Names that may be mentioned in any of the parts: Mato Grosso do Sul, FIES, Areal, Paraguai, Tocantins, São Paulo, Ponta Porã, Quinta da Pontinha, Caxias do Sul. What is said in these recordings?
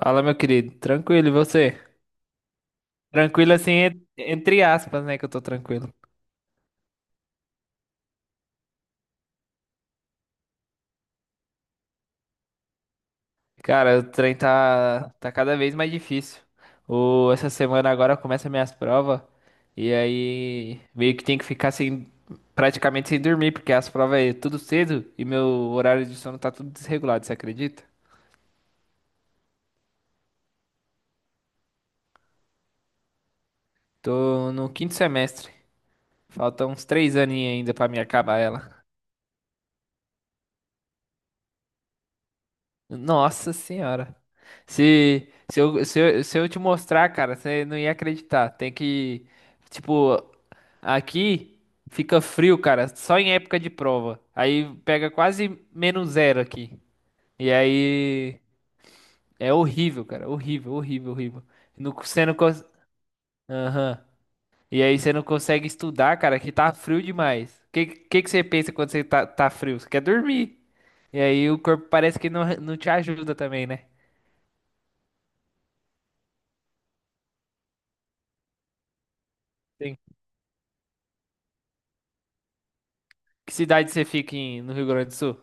Fala, meu querido. Tranquilo, e você? Tranquilo assim, entre aspas, né? Que eu tô tranquilo. Cara, o trem tá cada vez mais difícil. Essa semana agora começa minhas provas. E aí, meio que tem que ficar sem, praticamente sem dormir, porque as provas é tudo cedo e meu horário de sono tá tudo desregulado, você acredita? Tô no quinto semestre. Faltam uns 3 aninhos ainda pra me acabar ela. Nossa senhora. Se eu te mostrar, cara, você não ia acreditar. Tem que, tipo, aqui fica frio, cara, só em época de prova. Aí pega quase menos zero aqui. E aí é horrível, cara, horrível, horrível, horrível. Não, você não Aham. E aí você não consegue estudar, cara, que tá frio demais. O que você pensa quando você tá frio? Você quer dormir. E aí o corpo parece que não te ajuda também, né? Que cidade você fica no Rio Grande do Sul?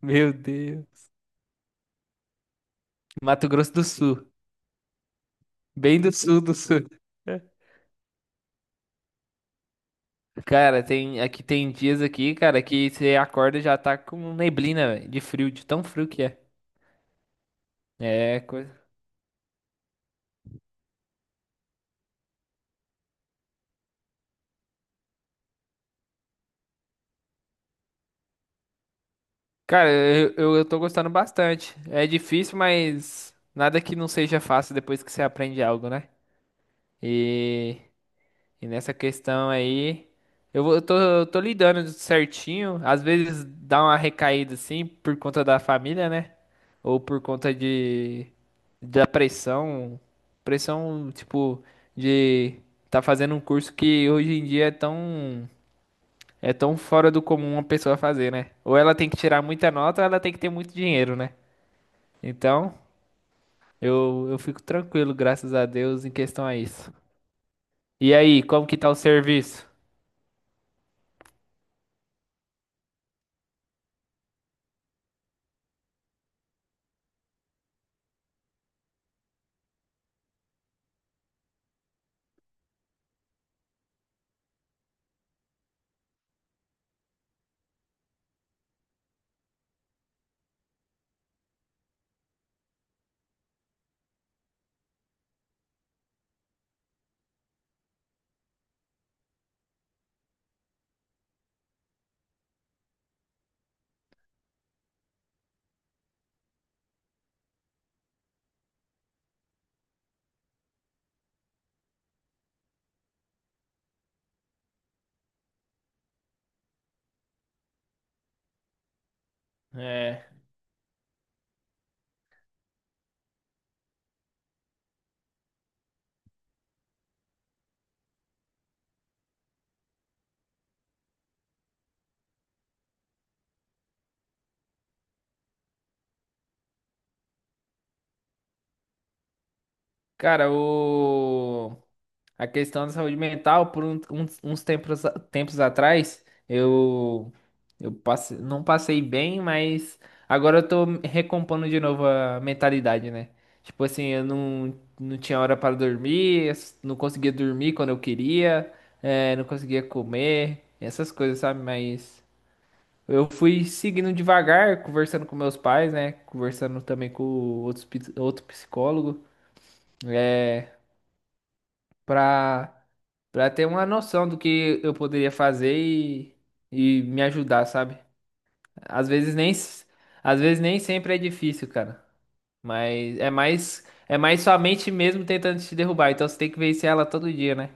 Meu Deus. Mato Grosso do Sul. Bem do sul do sul. Cara, tem aqui tem dias aqui, cara, que você acorda e já tá com neblina, velho, de frio, de tão frio que é. É coisa. Cara, eu tô gostando bastante. É difícil, mas nada que não seja fácil depois que você aprende algo, né? E E nessa questão aí, eu tô lidando certinho. Às vezes dá uma recaída assim por conta da família, né? Ou por conta de da pressão, tipo, de tá fazendo um curso que hoje em dia é tão fora do comum uma pessoa fazer, né? Ou ela tem que tirar muita nota, ou ela tem que ter muito dinheiro, né? Então, eu fico tranquilo, graças a Deus, em questão a isso. E aí, como que tá o serviço? É. Cara, a questão da saúde mental, por uns tempos atrás, não passei bem, mas agora eu tô recompondo de novo a mentalidade, né? Tipo assim, eu não tinha hora para dormir, não conseguia dormir quando eu queria, eh, não conseguia comer, essas coisas, sabe? Mas eu fui seguindo devagar, conversando com meus pais, né? Conversando também com outro psicólogo. eh, pra, pra ter uma noção do que eu poderia fazer e me ajudar, sabe? Às vezes nem, s- Às vezes nem sempre é difícil, cara. Mas é mais sua mente mesmo tentando te derrubar. Então você tem que vencer ela todo dia, né?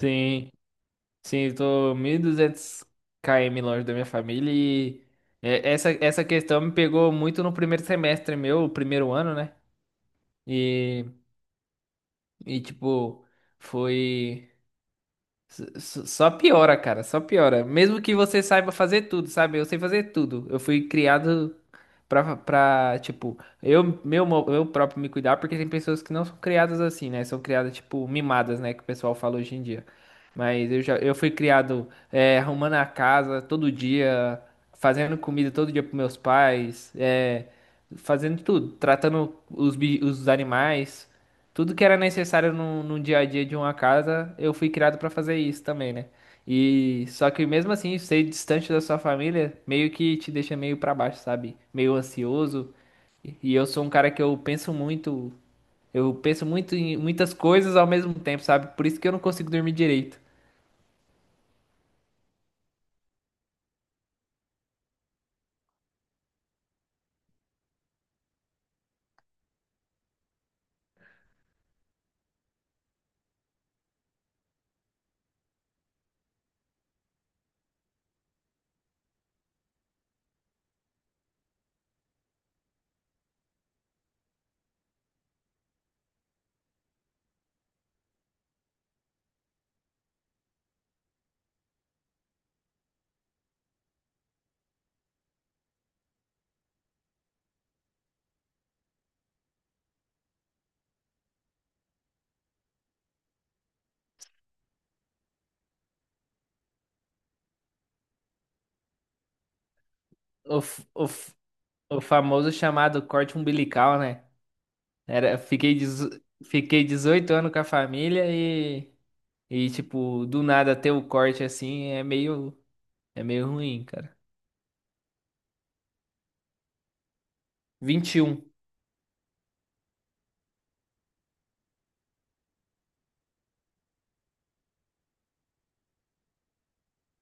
Sim, sim, eu tô 1.200 km longe da minha família e essa questão me pegou muito no primeiro semestre meu, o primeiro ano, né? E, e tipo, foi. Só piora, cara, só piora. Mesmo que você saiba fazer tudo, sabe? Eu sei fazer tudo. Eu fui criado pra tipo, eu próprio me cuidar, porque tem pessoas que não são criadas assim, né? São criadas, tipo, mimadas, né? Que o pessoal fala hoje em dia. Mas eu fui criado é, arrumando a casa todo dia, fazendo comida todo dia pros meus pais, é, fazendo tudo, tratando os animais. Tudo que era necessário no dia a dia de uma casa, eu fui criado pra fazer isso também, né? E só que mesmo assim, ser distante da sua família meio que te deixa meio pra baixo, sabe? Meio ansioso. E eu sou um cara que eu penso muito em muitas coisas ao mesmo tempo, sabe? Por isso que eu não consigo dormir direito. O, f- o, f- o famoso chamado corte umbilical, né? Era, fiquei, dezo- Fiquei 18 anos com a família e, tipo, do nada ter o corte assim é meio. É meio ruim, cara. 21.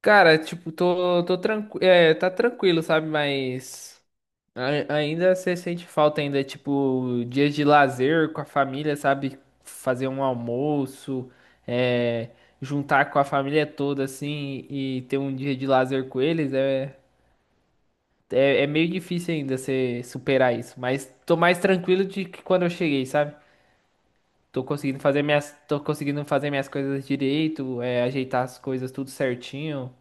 Cara, tipo, tô tranquilo. É, tá tranquilo, sabe? Mas ainda você sente falta ainda, tipo, dias de lazer com a família, sabe? Fazer um almoço, é, juntar com a família toda, assim, e ter um dia de lazer com eles. É, é, é meio difícil ainda você superar isso. Mas tô mais tranquilo de que quando eu cheguei, sabe? Tô conseguindo fazer minhas coisas direito, é, ajeitar as coisas tudo certinho.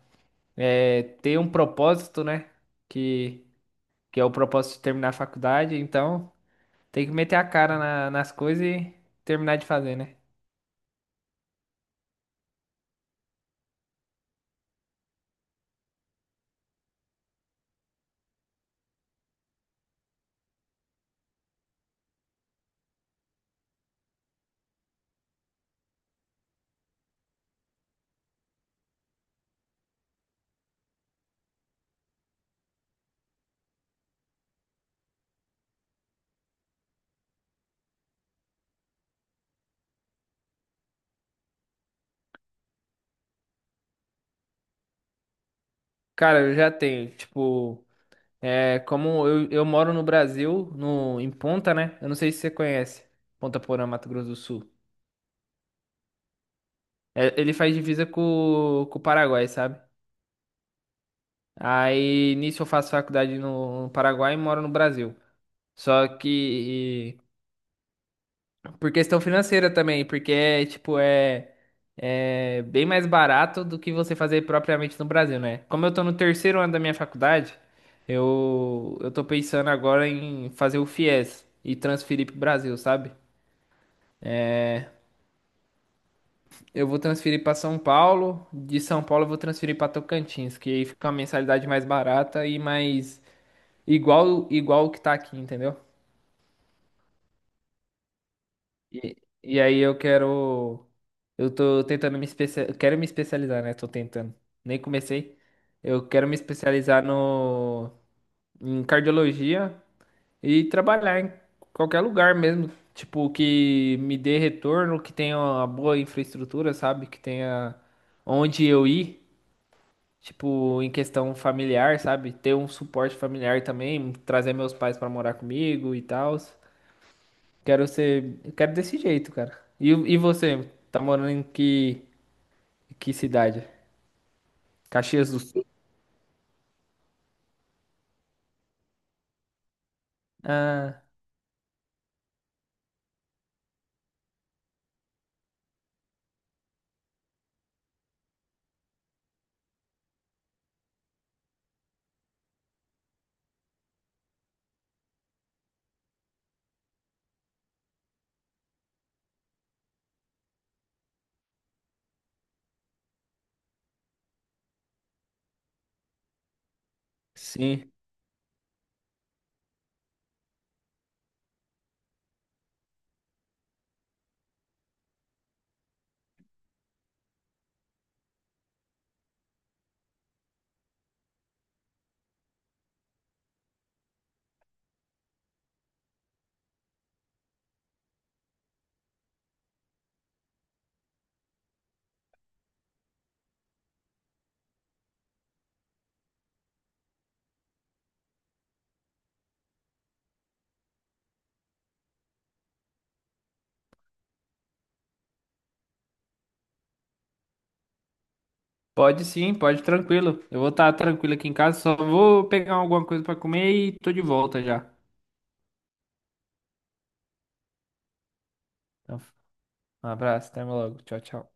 É, ter um propósito, né? Que, que é o propósito de terminar a faculdade, então tem que meter a cara nas coisas e terminar de fazer, né? Cara, eu já tenho, tipo, é, como eu moro no Brasil, no, em Ponta, né? Eu não sei se você conhece, Ponta Porã, Mato Grosso do Sul. É, ele faz divisa com o Paraguai, sabe? Aí, nisso eu faço faculdade no Paraguai e moro no Brasil. Só que por questão financeira também, porque é, tipo, é, é bem mais barato do que você fazer propriamente no Brasil, né? Como eu tô no terceiro ano da minha faculdade, eu tô pensando agora em fazer o FIES e transferir pro Brasil, sabe? Eu vou transferir pra São Paulo, de São Paulo eu vou transferir pra Tocantins, que aí fica uma mensalidade mais barata e mais igual o que tá aqui, entendeu? E, e aí eu quero. Eu tô tentando me especializar. Quero me especializar, né? Tô tentando. Nem comecei. Eu quero me especializar no... em cardiologia e trabalhar em qualquer lugar mesmo. Tipo, que me dê retorno, que tenha uma boa infraestrutura, sabe? Que tenha onde eu ir. Tipo, em questão familiar, sabe? Ter um suporte familiar também. Trazer meus pais pra morar comigo e tal. Quero ser. Eu Quero desse jeito, cara. E você? Tá morando em que cidade? Caxias do Sul? Ah, sim. Pode sim, pode tranquilo. Eu vou estar tranquilo aqui em casa, só vou pegar alguma coisa pra comer e tô de volta já. Então, um abraço, até logo. Tchau, tchau.